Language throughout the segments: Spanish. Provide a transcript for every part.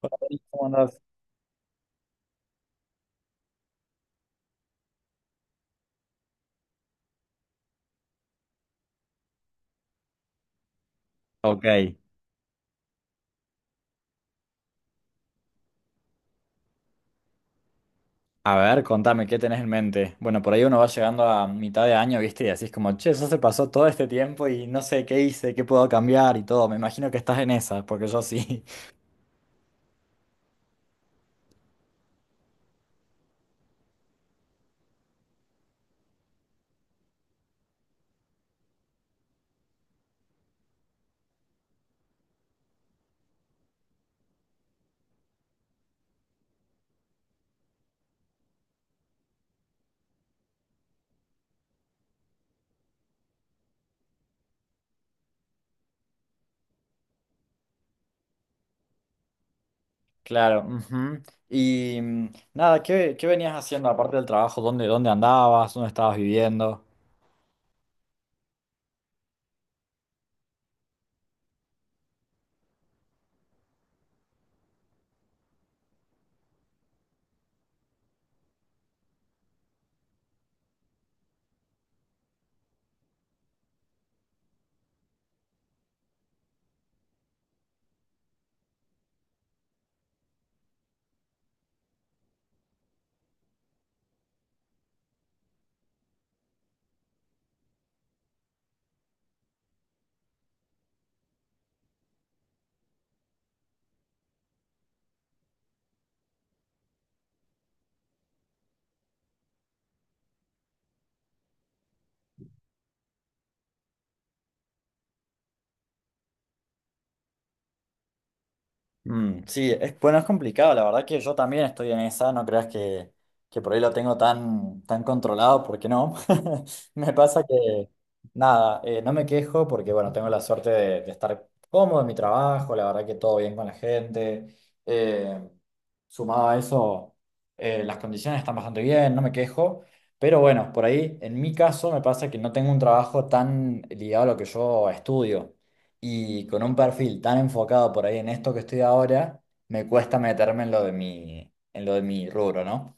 Hola, Denis, ¿cómo andás? Ok, a ver, contame, ¿qué tenés en mente? Bueno, por ahí uno va llegando a mitad de año, ¿viste? Y así es como, che, eso se pasó todo este tiempo y no sé qué hice, qué puedo cambiar y todo. Me imagino que estás en esa, porque yo sí. Claro, ujú. Y nada, ¿qué venías haciendo aparte del trabajo? ¿Dónde andabas? ¿Dónde estabas viviendo? Mm, sí, es, bueno, es complicado, la verdad que yo también estoy en esa, no creas que por ahí lo tengo tan, tan controlado, porque no. Me pasa que, nada, no me quejo porque, bueno, tengo la suerte de estar cómodo en mi trabajo, la verdad que todo bien con la gente. eh, Sumado a eso, las condiciones están bastante bien, no me quejo, pero bueno, por ahí, en mi caso, me pasa que no tengo un trabajo tan ligado a lo que yo estudio. Y con un perfil tan enfocado por ahí en esto que estoy ahora, me cuesta meterme en lo de mi, en lo de mi rubro, ¿no?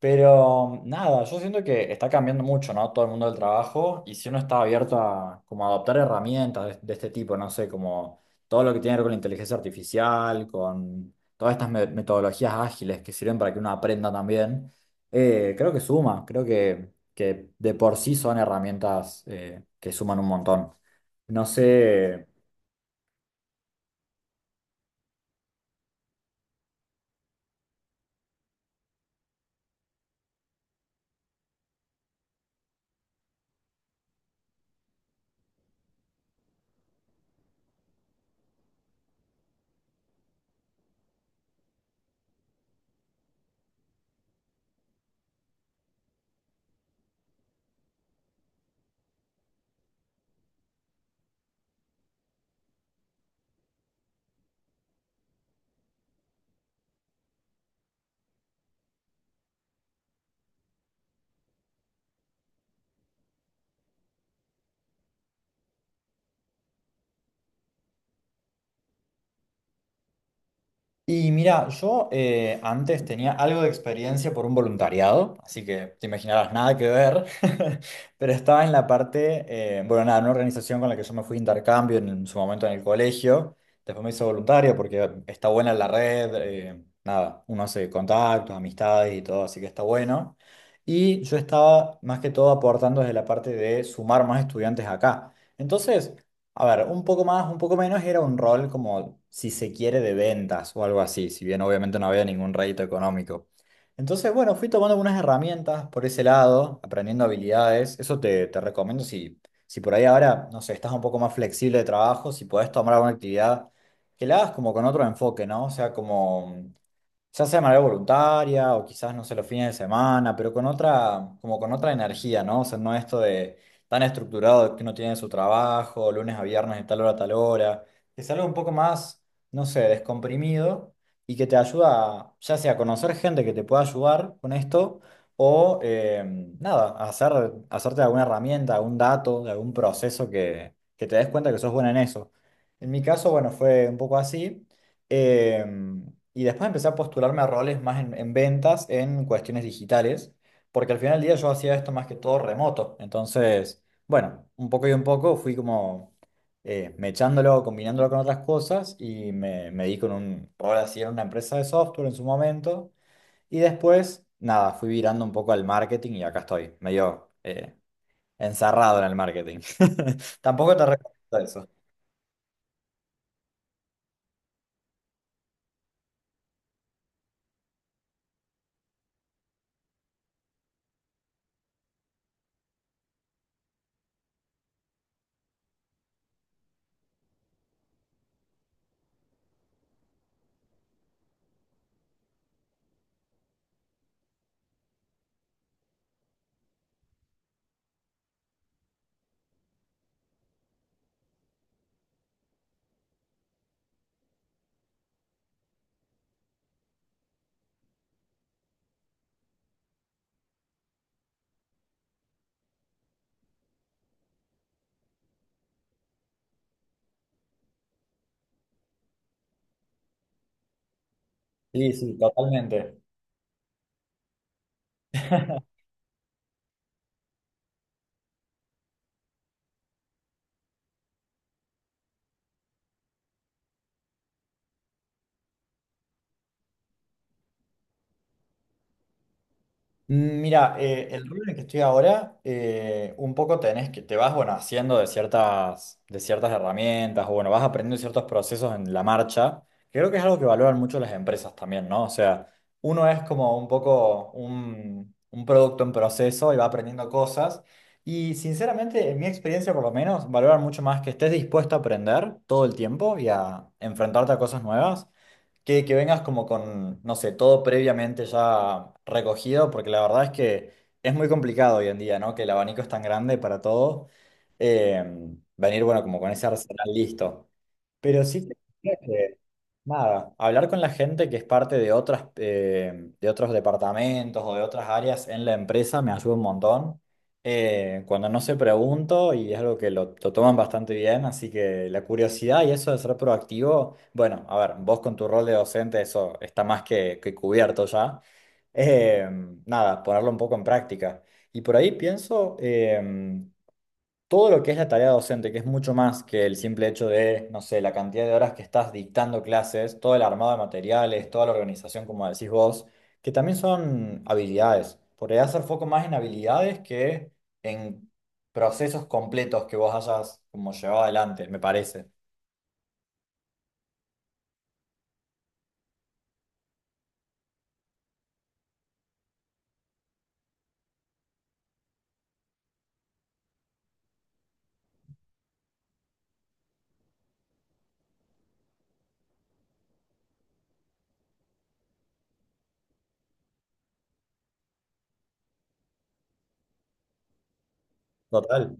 Pero nada, yo siento que está cambiando mucho, ¿no? Todo el mundo del trabajo y si uno está abierto a como a adoptar herramientas de este tipo, no sé, como todo lo que tiene que ver con la inteligencia artificial, con todas estas metodologías ágiles que sirven para que uno aprenda también, creo que suma, creo que de por sí son herramientas que suman un montón. No sé. Y mira, yo antes tenía algo de experiencia por un voluntariado, así que te imaginarás nada que ver, pero estaba en la parte, bueno, nada, en una organización con la que yo me fui de intercambio en su momento en el colegio, después me hice voluntario porque está buena la red, nada, uno hace contactos, amistades y todo, así que está bueno. Y yo estaba más que todo aportando desde la parte de sumar más estudiantes acá. Entonces, a ver, un poco más, un poco menos, era un rol como, si se quiere, de ventas o algo así, si bien obviamente no había ningún rédito económico. Entonces, bueno, fui tomando algunas herramientas por ese lado, aprendiendo habilidades. Eso te recomiendo si, si por ahí ahora, no sé, estás un poco más flexible de trabajo, si podés tomar alguna actividad, que la hagas como con otro enfoque, ¿no? O sea, como ya sea de manera voluntaria o quizás, no sé, los fines de semana, pero con otra, como con otra energía, ¿no? O sea, no esto de tan estructurado que uno tiene su trabajo, lunes a viernes de tal hora a tal hora, que es algo un poco más, no sé, descomprimido y que te ayuda, a, ya sea a conocer gente que te pueda ayudar con esto o, nada, a hacer, hacerte alguna herramienta, algún dato, de algún proceso que te des cuenta que sos buena en eso. En mi caso, bueno, fue un poco así. Em, y después empecé a postularme a roles más en ventas, en cuestiones digitales, porque al final del día yo hacía esto más que todo remoto. Entonces, bueno, un poco y un poco fui como mechándolo, combinándolo con otras cosas y me di con un rol así en una empresa de software en su momento. Y después, nada, fui virando un poco al marketing y acá estoy, medio encerrado en el marketing. Tampoco te recomiendo eso. Sí, sí, totalmente. Mm, mira, el rol en el que estoy ahora, un poco tenés que, te vas, bueno, haciendo de ciertas herramientas, o bueno, vas aprendiendo ciertos procesos en la marcha, que creo que es algo que valoran mucho las empresas también, ¿no? O sea, uno es como un poco un producto en proceso y va aprendiendo cosas, y sinceramente, en mi experiencia por lo menos, valoran mucho más que estés dispuesto a aprender todo el tiempo y a enfrentarte a cosas nuevas que vengas como con, no sé, todo previamente ya recogido, porque la verdad es que es muy complicado hoy en día, ¿no? Que el abanico es tan grande para todo. eh, Venir, bueno, como con ese arsenal listo. Pero sí, nada, hablar con la gente que es parte de otras, de otros departamentos o de otras áreas en la empresa me ayuda un montón. Cuando no se pregunto y es algo que lo toman bastante bien, así que la curiosidad y eso de ser proactivo, bueno, a ver, vos con tu rol de docente eso está más que cubierto ya. Eh, Nada, ponerlo un poco en práctica. Y por ahí pienso todo lo que es la tarea docente, que es mucho más que el simple hecho de, no sé, la cantidad de horas que estás dictando clases, todo el armado de materiales, toda la organización, como decís vos, que también son habilidades. Podría hacer foco más en habilidades que en procesos completos que vos hayas como llevado adelante, me parece. Total.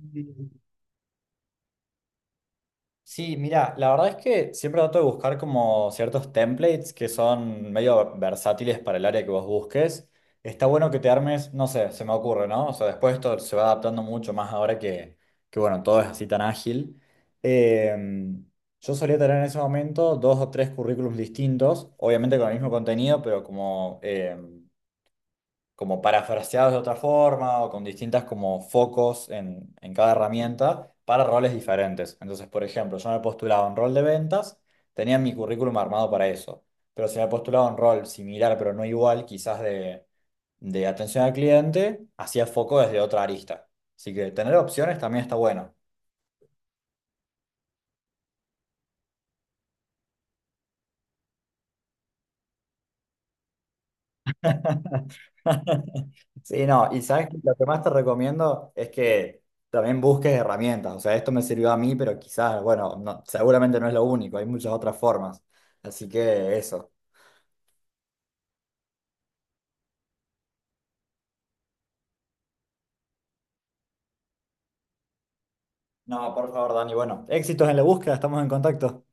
Ujú. Sí, mira, la verdad es que siempre trato de buscar como ciertos templates que son medio versátiles para el área que vos busques. Está bueno que te armes, no sé, se me ocurre, ¿no? O sea, después esto se va adaptando mucho más ahora que bueno, todo es así tan ágil. Em, yo solía tener en ese momento dos o tres currículums distintos, obviamente con el mismo contenido, pero como como parafraseados de otra forma o con distintas como focos en cada herramienta para roles diferentes. Entonces, por ejemplo, yo me postulaba un rol de ventas, tenía mi currículum armado para eso, pero si me postulaba un rol similar pero no igual, quizás de atención al cliente, hacía foco desde otra arista. Así que tener opciones también está bueno. Sí, no, y sabes que lo que más te recomiendo es que también busques herramientas. O sea, esto me sirvió a mí, pero quizás, bueno, seguramente no es lo único, hay muchas otras formas. Así que eso. No, por favor, Dani, bueno, éxitos en la búsqueda, estamos en contacto.